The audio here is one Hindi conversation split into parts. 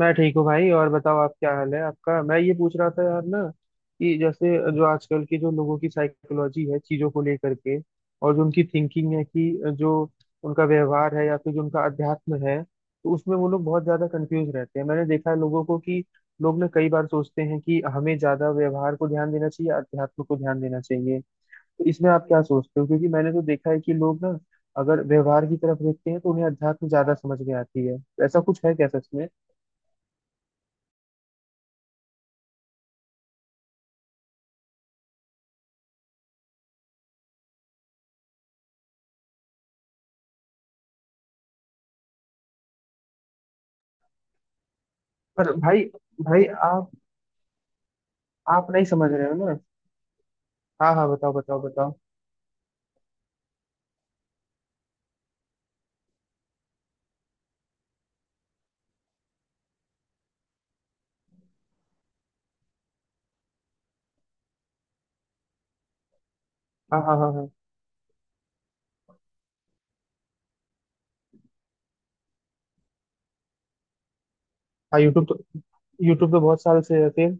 मैं ठीक हूँ भाई। और बताओ, आप क्या हाल है आपका? मैं ये पूछ रहा था यार ना, कि जैसे जो आजकल की जो लोगों की साइकोलॉजी है चीजों को लेकर के, और जो उनकी थिंकिंग है कि जो उनका व्यवहार है या फिर जो उनका अध्यात्म है, तो उसमें वो लोग बहुत ज्यादा कंफ्यूज रहते हैं। मैंने देखा है लोगों को कि लोग ना कई बार सोचते हैं कि हमें ज्यादा व्यवहार को ध्यान देना चाहिए, अध्यात्म को ध्यान देना चाहिए। तो इसमें आप क्या सोचते हो? क्योंकि मैंने तो देखा है कि लोग ना अगर व्यवहार की तरफ देखते हैं तो उन्हें अध्यात्म ज्यादा समझ में आती है। तो ऐसा कुछ है क्या सच में? पर भाई, भाई आप नहीं समझ रहे हो ना। हाँ हाँ, बताओ बताओ बताओ। हाँ हाँ हाँ हाँ। हाँ, यूट्यूब तो, यूट्यूब तो बहुत साल से है फिर।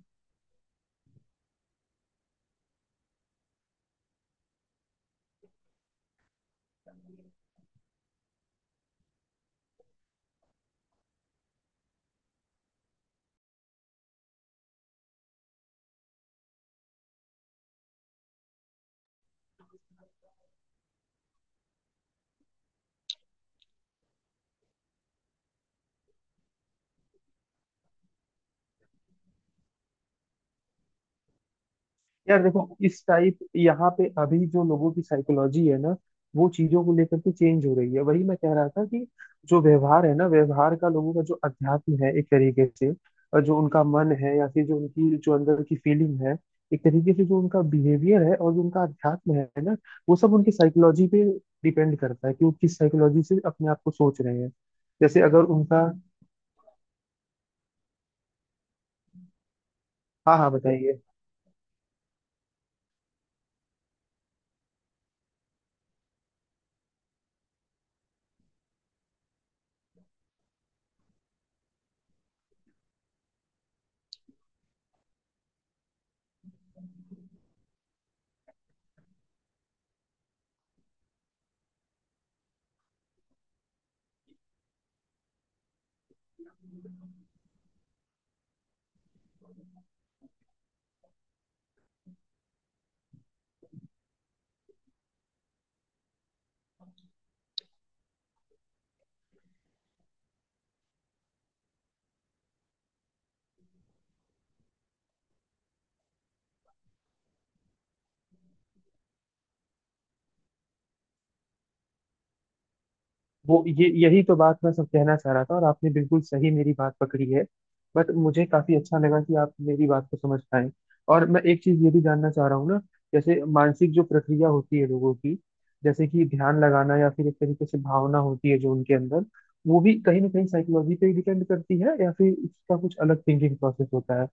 यार देखो, इस टाइप यहाँ पे अभी जो लोगों की साइकोलॉजी है ना, वो चीजों को लेकर के चेंज हो रही है। वही मैं कह रहा था कि जो व्यवहार है ना, व्यवहार का लोगों का जो अध्यात्म है एक तरीके से, और जो उनका मन है या फिर जो उनकी जो अंदर की फीलिंग है, एक तरीके से जो उनका बिहेवियर है और जो उनका अध्यात्म है ना, वो सब उनकी साइकोलॉजी पे डिपेंड करता है कि वो किस साइकोलॉजी से अपने आप को सोच रहे हैं। जैसे अगर उनका। हाँ हाँ, बताइए। वो ये यही तो बात मैं सब कहना चाह रहा था, और आपने बिल्कुल सही मेरी बात पकड़ी है। बट मुझे काफी अच्छा लगा कि आप मेरी बात को समझ पाए। और मैं एक चीज ये भी जानना चाह रहा हूँ ना, जैसे मानसिक जो प्रक्रिया होती है लोगों की, जैसे कि ध्यान लगाना या फिर एक तरीके से भावना होती है जो उनके अंदर, वो भी कहीं ना कहीं साइकोलॉजी पे डिपेंड करती है या फिर इसका कुछ अलग थिंकिंग प्रोसेस होता है?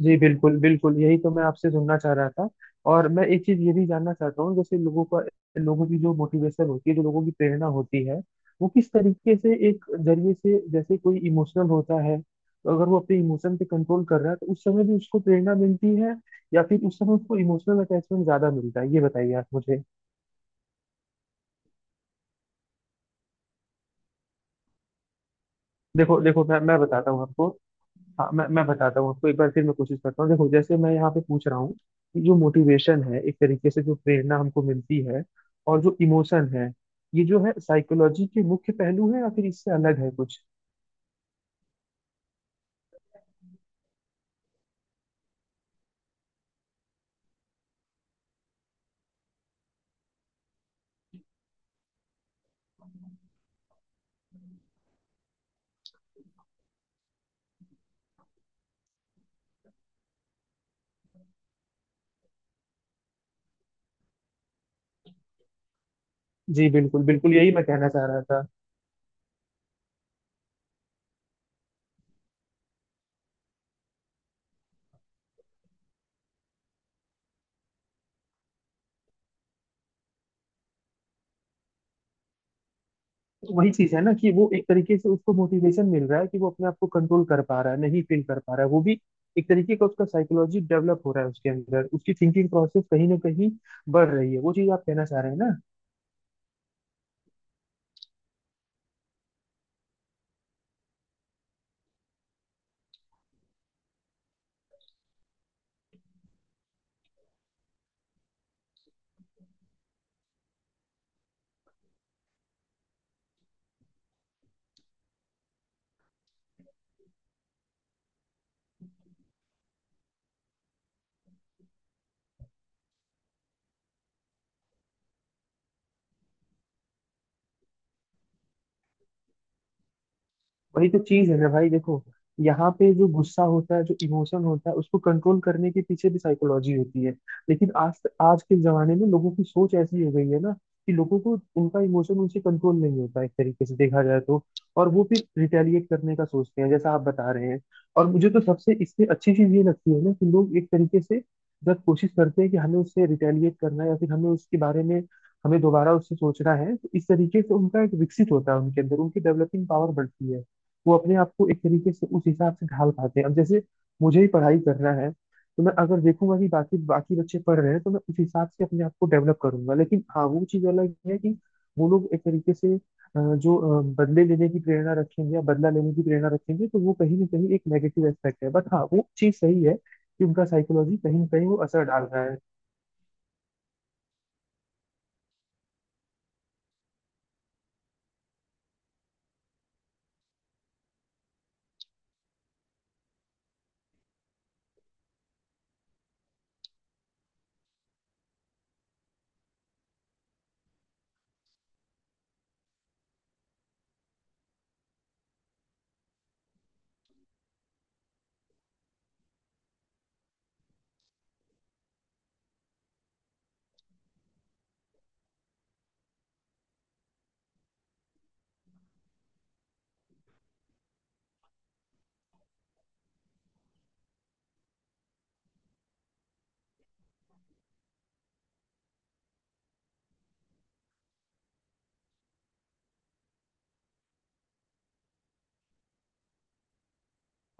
जी बिल्कुल बिल्कुल, यही तो मैं आपसे सुनना चाह रहा था। और मैं एक चीज ये भी जानना चाहता हूँ, जैसे लोगों का, लोगों की जो मोटिवेशन होती है, जो लोगों की प्रेरणा होती है, वो किस तरीके से एक जरिए से जैसे कोई इमोशनल होता है तो अगर वो अपने इमोशन पे कंट्रोल कर रहा है तो उस समय भी उसको प्रेरणा मिलती है, या फिर उस समय उसको इमोशनल अटैचमेंट ज्यादा मिलता है? ये बताइए आप मुझे। देखो देखो, मैं बताता हूँ आपको। हाँ, मैं बताता हूँ आपको। एक बार फिर मैं कोशिश करता हूँ। देखो जैसे मैं यहाँ पे पूछ रहा हूँ कि जो मोटिवेशन है एक तरीके से जो प्रेरणा हमको मिलती है, और जो इमोशन है, ये जो है साइकोलॉजी के मुख्य पहलू है या फिर इससे अलग है कुछ? जी बिल्कुल बिल्कुल, यही मैं कहना चाह रहा था। तो वही चीज है ना कि वो एक तरीके से उसको मोटिवेशन मिल रहा है कि वो अपने आप को कंट्रोल कर पा रहा है, नहीं फील कर पा रहा है। वो भी एक तरीके का उसका साइकोलॉजी डेवलप हो रहा है उसके अंदर, उसकी थिंकिंग प्रोसेस कहीं ना कहीं बढ़ रही है। वो चीज आप कहना चाह रहे हैं ना? वही तो चीज है ना भाई, देखो यहाँ पे जो गुस्सा होता है, जो इमोशन होता है, उसको कंट्रोल करने के पीछे भी साइकोलॉजी होती है। लेकिन आज, आज के जमाने में लोगों की सोच ऐसी हो गई है ना कि लोगों को उनका इमोशन उनसे कंट्रोल नहीं होता एक तरीके से देखा जाए तो। और वो फिर रिटेलिएट करने का सोचते हैं, जैसा आप बता रहे हैं। और मुझे तो सबसे इससे अच्छी चीज ये लगती है ना कि लोग एक तरीके से जब कोशिश करते हैं कि हमें उससे रिटेलिएट करना है या फिर हमें उसके बारे में, हमें दोबारा उससे सोचना है, तो इस तरीके से उनका एक विकसित होता है, उनके अंदर उनकी डेवलपिंग पावर बढ़ती है। वो अपने आप को एक तरीके से उस हिसाब से ढाल पाते हैं। अब जैसे मुझे ही पढ़ाई करना है, तो मैं अगर देखूंगा कि बाकी बाकी बच्चे पढ़ रहे हैं तो मैं उस हिसाब से अपने आप को डेवलप करूंगा। लेकिन हाँ, वो चीज अलग है कि वो लोग एक तरीके से जो बदले लेने की प्रेरणा रखेंगे या बदला लेने की प्रेरणा रखेंगे, तो वो कहीं ना कहीं एक नेगेटिव एस्पेक्ट है। बट हाँ, वो चीज सही है कि उनका साइकोलॉजी कहीं ना कहीं वो असर डाल रहा है।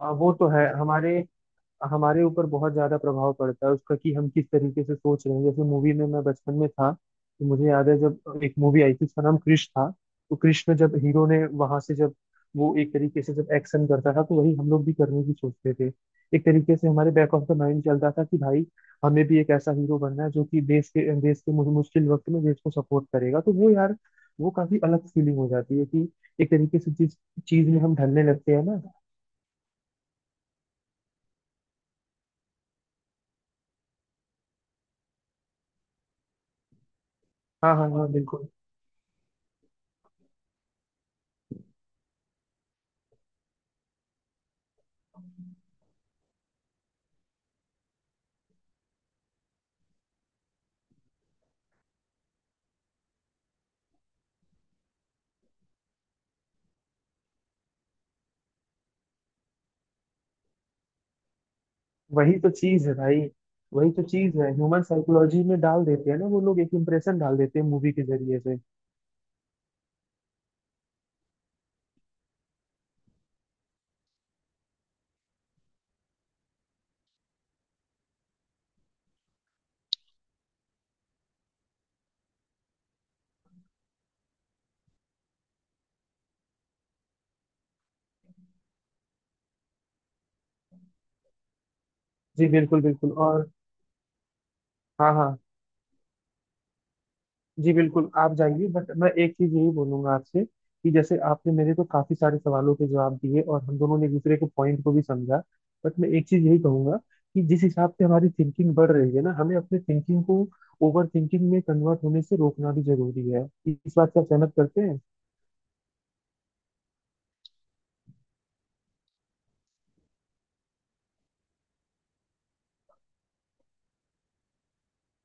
वो तो है, हमारे हमारे ऊपर बहुत ज्यादा प्रभाव पड़ता है उसका कि हम किस तरीके से सोच रहे हैं। जैसे मूवी में, मैं बचपन में था तो मुझे याद है, जब एक मूवी आई थी उसका नाम कृष था। तो कृष में जब हीरो ने वहां से, जब वो एक तरीके से जब एक्शन करता था, तो वही हम लोग भी करने की सोचते थे। एक तरीके से हमारे बैक ऑफ द माइंड चलता था कि भाई हमें भी एक ऐसा हीरो बनना है जो कि देश के मुश्किल वक्त में देश को सपोर्ट करेगा। तो वो यार, वो काफी अलग फीलिंग हो जाती है कि एक तरीके से जिस चीज में हम ढलने लगते हैं ना। हाँ हाँ हाँ, बिल्कुल। वही तो चीज है भाई, वही तो चीज है। ह्यूमन साइकोलॉजी में डाल देते हैं ना वो लोग, एक इम्प्रेशन डाल देते हैं मूवी के जरिए से। जी बिल्कुल बिल्कुल। और हाँ हाँ, जी बिल्कुल, आप जाइए। बट मैं एक चीज यही बोलूंगा आपसे कि जैसे आपने मेरे तो काफी सारे सवालों के जवाब दिए और हम दोनों ने एक दूसरे के पॉइंट को भी समझा। बट मैं एक चीज यही कहूंगा कि जिस हिसाब से हमारी थिंकिंग बढ़ रही है ना, हमें अपने थिंकिंग को ओवर थिंकिंग में कन्वर्ट होने से रोकना भी जरूरी है। इस बात से आप सहमत करते हैं?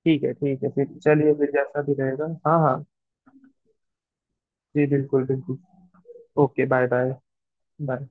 ठीक है ठीक है, फिर चलिए, फिर जैसा भी रहेगा। हाँ हाँ, जी बिल्कुल बिल्कुल। Okay bye, bye bye.